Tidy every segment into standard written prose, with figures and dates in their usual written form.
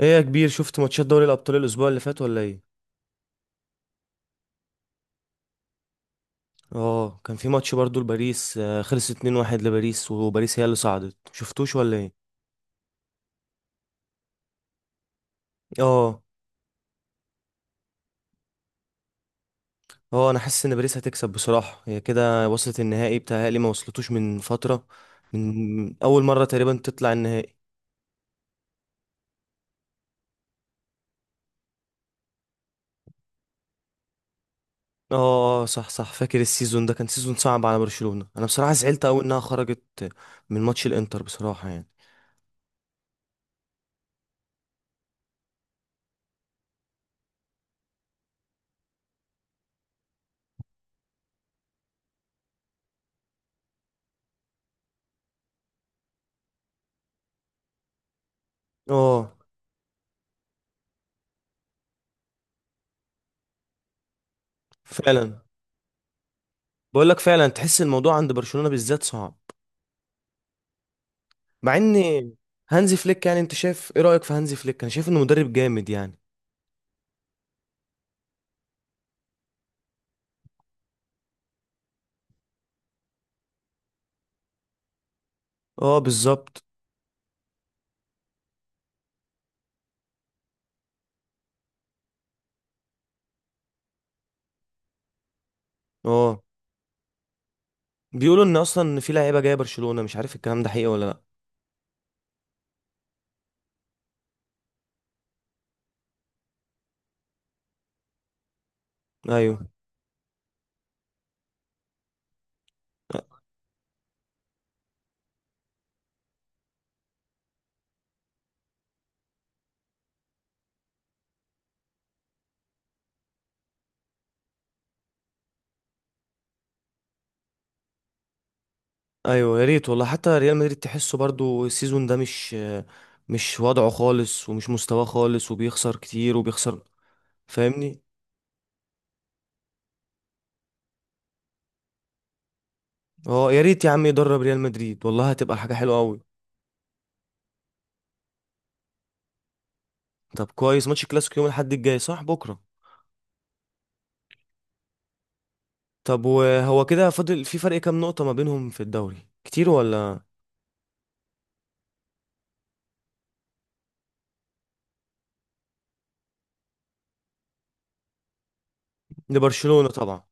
ايه يا كبير، شفت ماتشات دوري الابطال الاسبوع اللي فات ولا ايه؟ اه، كان في ماتش برضو لباريس، خلص 2-1 لباريس. وباريس هي اللي صعدت، شفتوش ولا ايه؟ اه اه، انا حاسس ان باريس هتكسب بصراحة. هي كده وصلت النهائي، بتهيألي ما وصلتوش من فترة، من اول مرة تقريبا تطلع النهائي. اه. صح صح، فاكر السيزون ده كان سيزون صعب على برشلونة. انا بصراحة زعلت قوي انها خرجت من ماتش الانتر بصراحة يعني. اه فعلا. بقول لك فعلا تحس الموضوع عند برشلونة بالذات صعب، مع ان هانزي فليك، يعني انت شايف ايه رأيك في هانزي فليك؟ انا شايف انه مدرب جامد يعني. اه بالظبط. اه، بيقولوا ان اصلا ان في لعيبه جايه برشلونة، مش عارف الكلام ده حقيقي ولا لا. ايوه. ايوه يا ريت والله. حتى ريال مدريد تحسه برضو السيزون ده مش وضعه خالص، ومش مستواه خالص، وبيخسر كتير وبيخسر. فاهمني؟ اه، يا ريت يا عم يدرب ريال مدريد، والله هتبقى حاجة حلوة قوي. طب كويس، ماتش كلاسيكو يوم الاحد الجاي صح، بكرة؟ طب وهو كده، فاضل في فرق كام نقطة ما بينهم في الدوري، كتير ولا؟ لبرشلونة طبعا.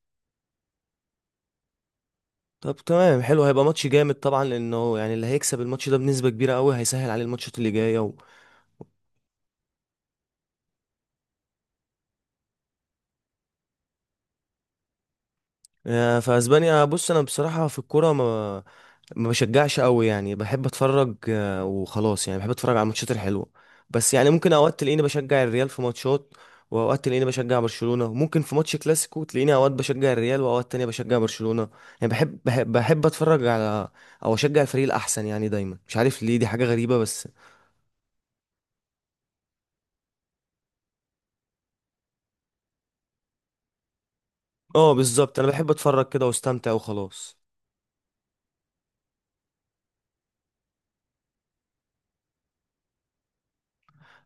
طب تمام حلو، هيبقى ماتش جامد طبعا، لانه يعني اللي هيكسب الماتش ده بنسبة كبيرة قوي هيسهل عليه الماتشات اللي جاية و. فاسبانيا بص، انا بصراحة في الكورة ما بشجعش قوي. يعني بحب اتفرج وخلاص، يعني بحب اتفرج على الماتشات الحلوة. بس يعني ممكن اوقات تلاقيني بشجع الريال في ماتشات، واوقات تلاقيني بشجع برشلونة. ممكن في ماتش كلاسيكو تلاقيني اوقات بشجع الريال، واوقات تانية بشجع برشلونة. يعني بحب اتفرج على، او اشجع الفريق الاحسن يعني دايما. مش عارف ليه، دي حاجة غريبة بس. اه بالظبط، انا بحب اتفرج كده واستمتع وخلاص.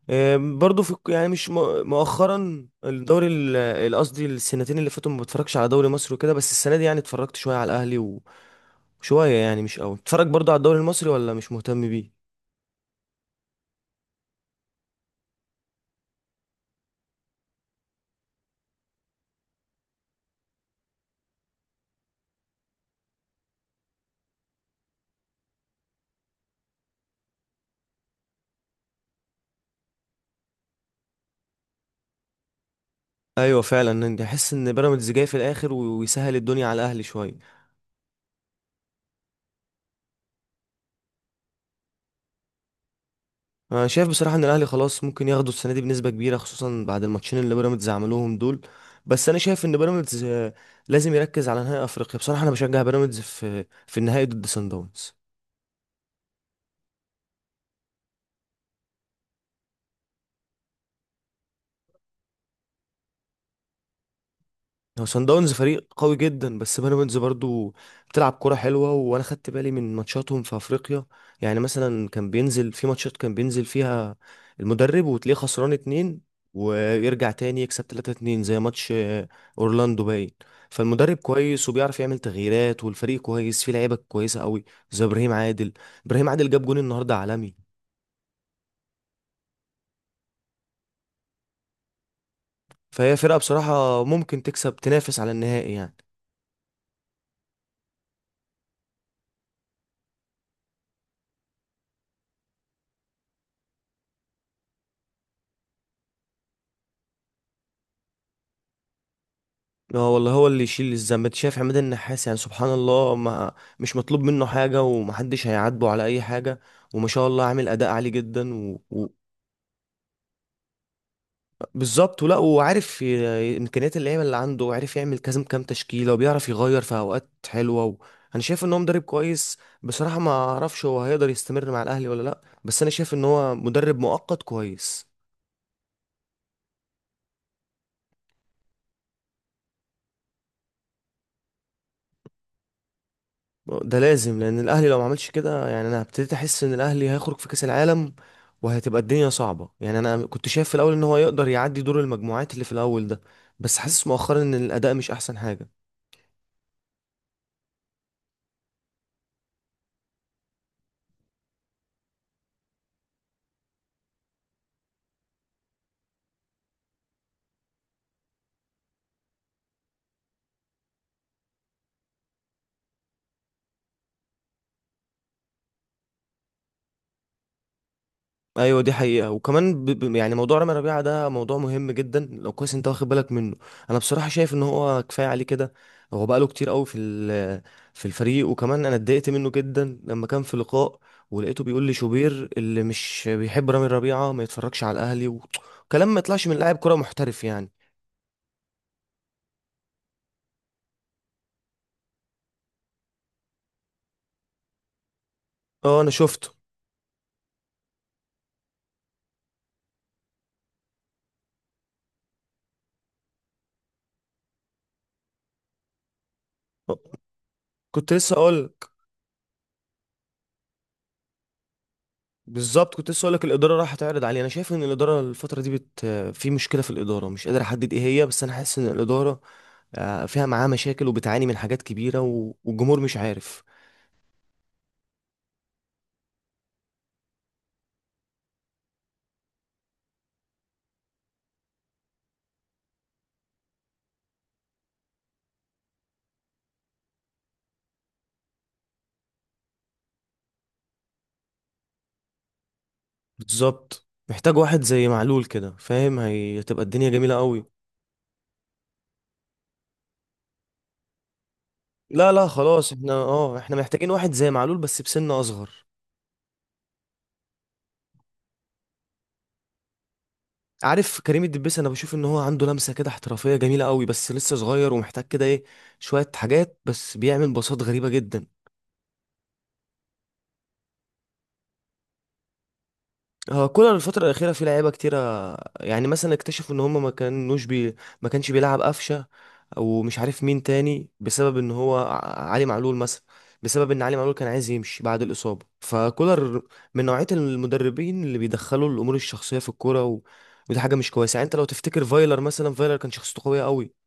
برضو في يعني مش مؤخرا الدوري قصدي السنتين اللي فاتوا ما بتفرجش على دوري مصر وكده، بس السنه دي يعني اتفرجت شويه على الاهلي وشويه، يعني مش قوي. اتفرج برضو على الدوري المصري، ولا مش مهتم بيه. ايوه فعلا، احس ان بيراميدز جاي في الاخر ويسهل الدنيا على الاهلي شويه. انا شايف بصراحه ان الاهلي خلاص ممكن ياخدوا السنه دي بنسبه كبيره، خصوصا بعد الماتشين اللي بيراميدز عملوهم دول. بس انا شايف ان بيراميدز لازم يركز على نهائي افريقيا بصراحه. انا بشجع بيراميدز في النهائي ضد سان داونز. هو صن داونز فريق قوي جدا، بس بيراميدز برضو بتلعب كرة حلوة، وانا خدت بالي من ماتشاتهم في افريقيا. يعني مثلا، كان بينزل فيها المدرب وتلاقيه خسران اتنين، ويرجع تاني يكسب تلاتة اتنين. زي ماتش اورلاندو باين. فالمدرب كويس وبيعرف يعمل تغييرات، والفريق كويس فيه لعيبة كويسة قوي زي ابراهيم عادل. ابراهيم عادل جاب جون النهاردة عالمي. فهي فرقة بصراحة ممكن تكسب، تنافس على النهائي يعني. اه والله، هو اللي يشيل الذنب. انت شايف عماد النحاس؟ يعني سبحان الله، ما مش مطلوب منه حاجة، ومحدش هيعاتبه على أي حاجة، وما شاء الله عامل أداء عالي جدا. و... و... بالظبط، ولا وعارف إمكانيات اللعيبة اللي عنده، وعارف يعمل كذا كام تشكيلة، وبيعرف يغير في أوقات حلوة. و... أنا شايف إن هو مدرب كويس بصراحة. ما أعرفش هو هيقدر يستمر مع الأهلي ولا لأ، بس أنا شايف إن هو مدرب مؤقت كويس. ده لازم، لان الاهلي لو ما عملش كده يعني انا ابتديت احس ان الاهلي هيخرج في كاس العالم، وهتبقى الدنيا صعبه يعني. انا كنت شايف في الاول ان هو يقدر يعدي دور المجموعات اللي في الاول ده، بس حاسس مؤخرا ان الاداء مش احسن حاجه. ايوه دي حقيقة. وكمان يعني موضوع رامي ربيعة ده موضوع مهم جدا، لو كويس انت واخد بالك منه. انا بصراحة شايف ان هو كفاية عليه كده. هو بقاله كتير قوي في في الفريق، وكمان انا اتضايقت منه جدا لما كان في لقاء، ولقيته بيقول لي شوبير اللي مش بيحب رامي ربيعة ما يتفرجش على الاهلي. وكلام ما يطلعش من لاعب كرة محترف يعني. اه انا شفته. آه، كنت لسه اقول. بالظبط، كنت لسه اقول لك الاداره راح تعرض عليه. انا شايف ان الاداره الفتره دي بت، في مشكله في الاداره مش قادر احدد ايه هي، بس انا حاسس ان الاداره فيها معاه مشاكل، وبتعاني من حاجات كبيرة والجمهور مش عارف. بالظبط، محتاج واحد زي معلول كده فاهم، هتبقى الدنيا جميلة قوي. لا لا خلاص، احنا اه، احنا محتاجين واحد زي معلول بس بسن اصغر. عارف كريم الدبيس؟ انا بشوف ان هو عنده لمسة كده احترافية جميلة قوي، بس لسه صغير، ومحتاج كده ايه، شوية حاجات. بس بيعمل باصات غريبة جدا. هو كولر الفترة الأخيرة في لعيبة كتيرة. يعني مثلا اكتشفوا إن هما ما كانوش بي ما كانش بيلعب قفشة، أو مش عارف مين تاني، بسبب إن هو علي معلول مثلا. بسبب إن علي معلول كان عايز يمشي بعد الإصابة، فكولر من نوعية المدربين اللي بيدخلوا الأمور الشخصية في الكورة، و... ودي حاجة مش كويسة. يعني أنت لو تفتكر فايلر مثلا، فايلر كان شخصيته قوية قوي،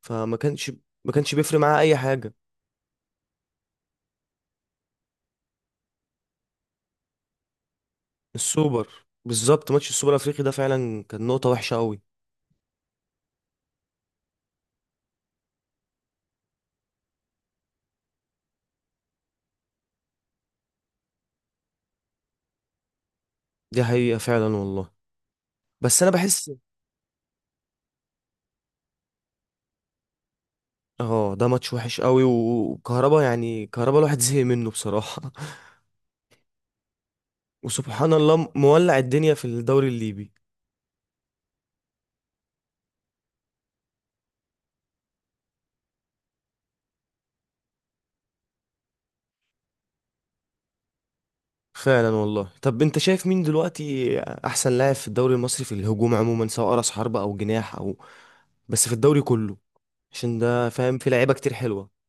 فما كانش ما كانش بيفرق معاه أي حاجة. السوبر. بالظبط، ماتش السوبر الأفريقي ده فعلا كان نقطة وحشة قوي. دي حقيقة فعلا والله. بس انا بحس. اه، ده ماتش وحش قوي وكهربا، يعني كهربا الواحد زهق منه بصراحة. وسبحان الله مولع الدنيا في الدوري الليبي. فعلا والله. طب انت شايف مين دلوقتي احسن لاعب في الدوري المصري في الهجوم عموما، سواء راس حربة او جناح او، بس في الدوري كله، عشان ده فاهم في لعيبة كتير حلوة.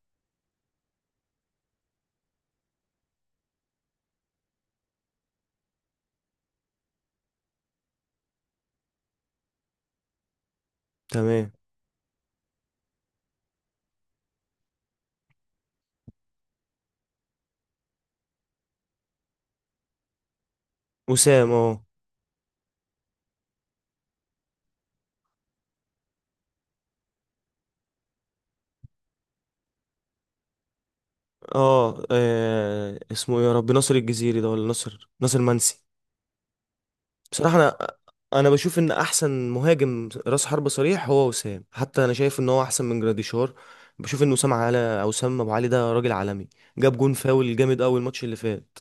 تمام. وسام، اه. اه، اسمه ايه؟ يا رب، ناصر الجزيري ده ولا ناصر منسي؟ بصراحة أنا، أنا بشوف إن أحسن مهاجم رأس حربة صريح هو وسام، حتى أنا شايف إن هو أحسن من جراديشار. بشوف إن وسام على، أو وسام أبو علي، ده راجل عالمي، جاب جون فاول جامد أوي الماتش اللي فات.